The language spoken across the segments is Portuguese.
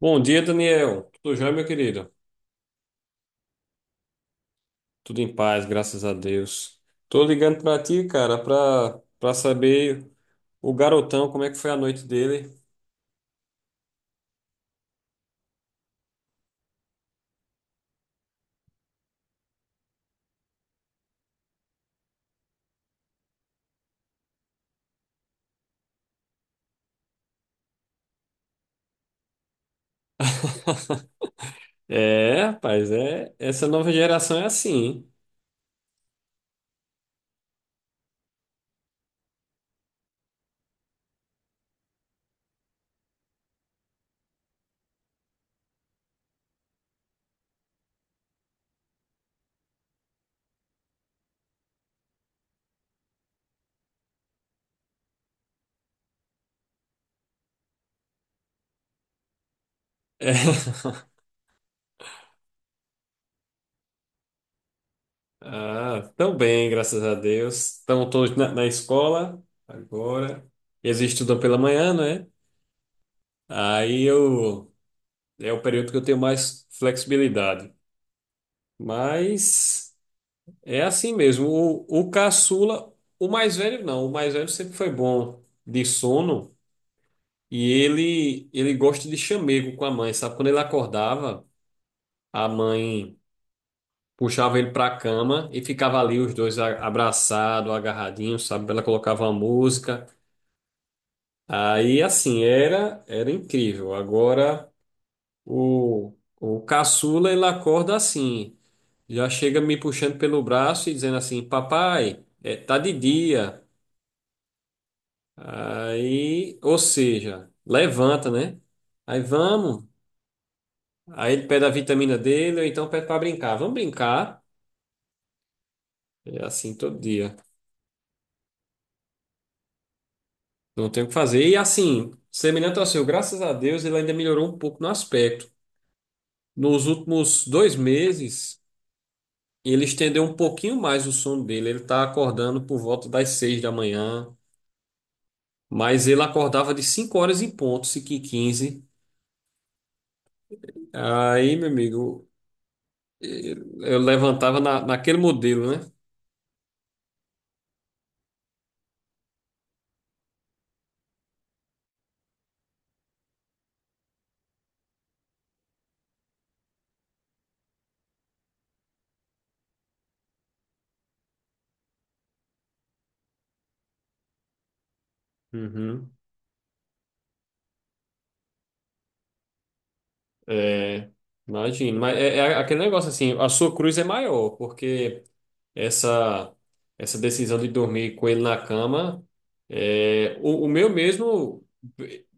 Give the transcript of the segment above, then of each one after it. Bom dia, Daniel. Tudo jóia, meu querido? Tudo em paz, graças a Deus. Tô ligando pra ti, cara, pra saber o garotão, como é que foi a noite dele. É, rapaz, é, essa nova geração é assim, hein? É. Ah, tão bem, graças a Deus. Estão todos na escola agora. Eles estudam pela manhã, né? Aí eu, é o período que eu tenho mais flexibilidade. Mas. É assim mesmo. O caçula, o mais velho não, o mais velho sempre foi bom de sono e ele gosta de chamego com a mãe, sabe? Quando ele acordava, a mãe puxava ele para a cama e ficava ali os dois abraçados, agarradinhos, sabe? Ela colocava uma música. Aí assim, era incrível. Agora o o caçula ele acorda assim, já chega me puxando pelo braço e dizendo assim: "Papai, é, tá de dia." Aí, ou seja, levanta, né? Aí vamos. Aí ele pede a vitamina dele, ou então pede para brincar. Vamos brincar. É assim todo dia. Não tem o que fazer. E assim, semelhante ao seu, graças a Deus, ele ainda melhorou um pouco no aspecto. Nos últimos 2 meses, ele estendeu um pouquinho mais o sono dele. Ele tá acordando por volta das 6 da manhã. Mas ele acordava de 5 horas em ponto, 5 e 15. Aí, meu amigo, eu levantava naquele modelo, né? Uhum. É, imagino. Mas é aquele negócio assim, a sua cruz é maior, porque essa essa decisão de dormir com ele na cama, é, o meu mesmo,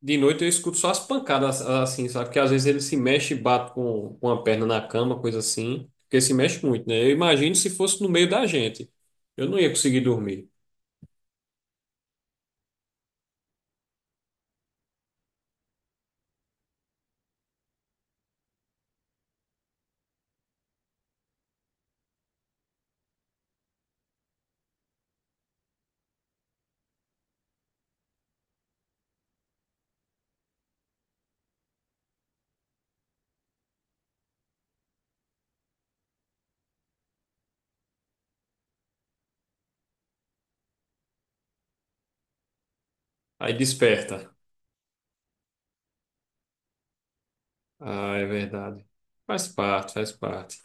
de noite eu escuto só as pancadas assim, sabe? Porque às vezes ele se mexe e bate com a perna na cama, coisa assim, porque se mexe muito, né? Eu imagino se fosse no meio da gente, eu não ia conseguir dormir. Aí desperta. Ah, é verdade. Faz parte, faz parte.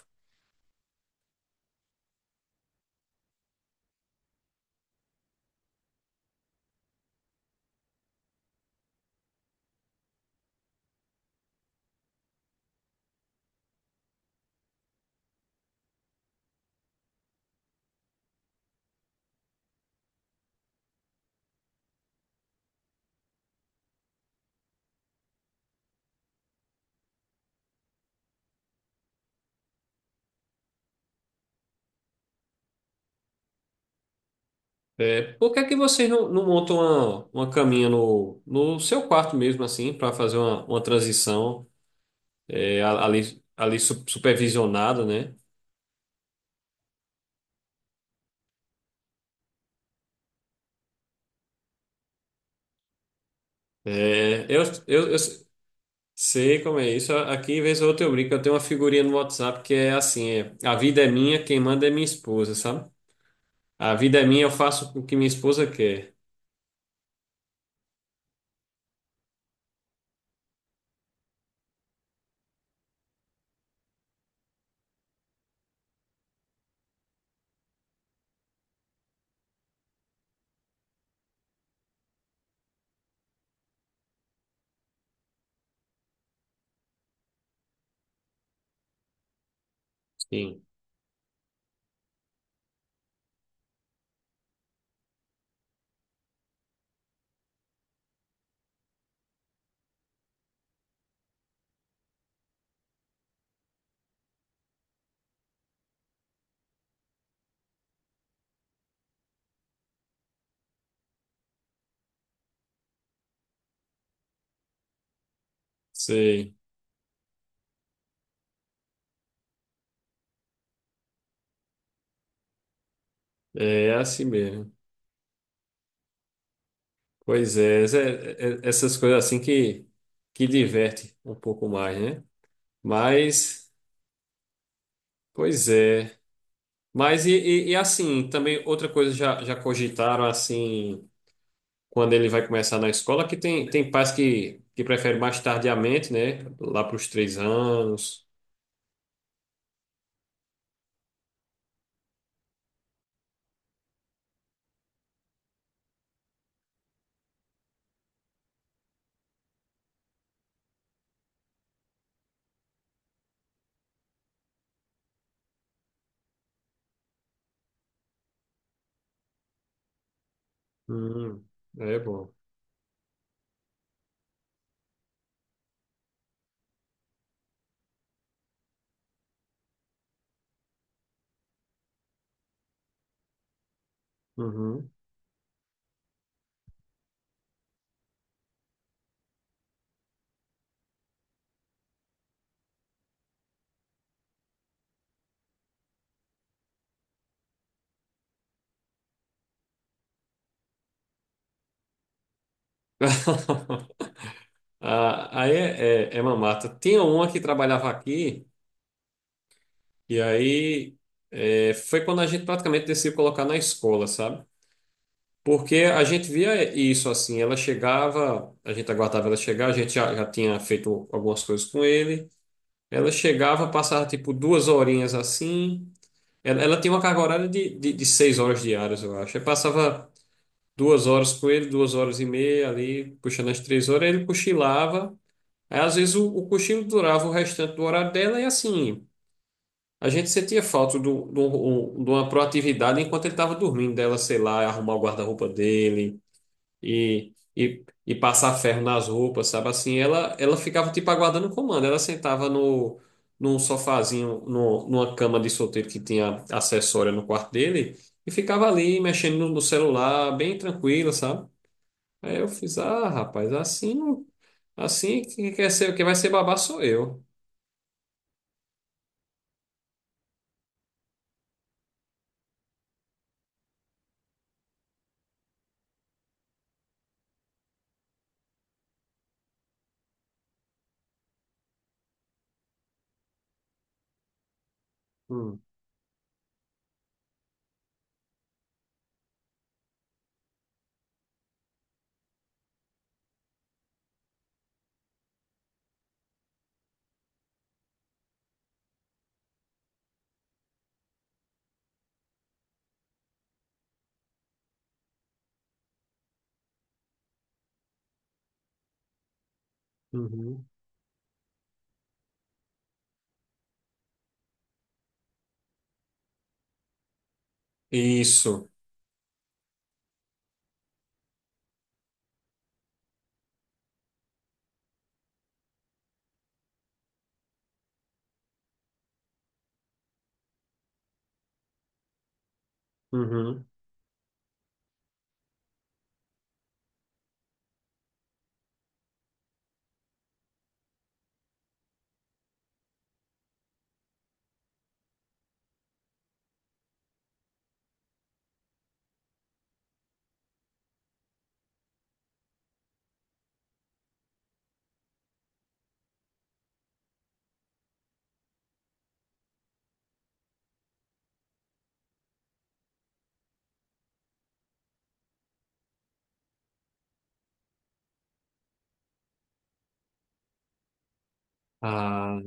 É, por que é que vocês não montam uma caminha no seu quarto mesmo, assim, para fazer uma transição é, ali supervisionada, né? É, eu sei como é isso. Aqui, vez ou outra, eu brinco. Eu tenho uma figurinha no WhatsApp que é assim: é, a vida é minha, quem manda é minha esposa, sabe? A vida é minha, eu faço o que minha esposa quer. Sim, sei. É assim mesmo. Pois é, essas coisas assim que diverte um pouco mais, né? Mas, pois é. Mas e, e assim, também outra coisa já cogitaram assim, quando ele vai começar na escola, que tem pais que preferem mais tardiamente, né? Lá para os 3 anos. Hum, É bom. Uhum. Ah, aí é mamata. Tinha uma que trabalhava aqui, e aí é, foi quando a gente praticamente decidiu colocar na escola, sabe? Porque a gente via isso assim, ela chegava, a gente aguardava ela chegar, a gente já tinha feito algumas coisas com ele. Ela chegava, passava tipo 2 horinhas assim. Ela tinha uma carga horária de 6 horas diárias, eu acho. Aí passava 2 horas com ele, 2 horas e meia ali, puxando as 3 horas, aí ele cochilava. Aí às vezes o cochilo durava o restante do horário dela e assim, a gente sentia falta do de uma proatividade enquanto ele estava dormindo, dela, sei lá, arrumar o guarda-roupa dele e passar ferro nas roupas, sabe? Assim, ela ficava tipo aguardando o comando. Ela sentava num sofazinho, no, numa cama de solteiro que tinha acessória no quarto dele e ficava ali mexendo no celular, bem tranquila, sabe? Aí eu fiz, ah, rapaz, assim, assim que quer ser, que vai ser babá sou eu. Hum, uhum. Isso. Uhum. Ah,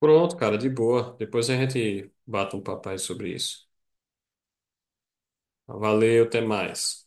pronto, cara, de boa. Depois a gente bate um papai sobre isso. Valeu, até mais.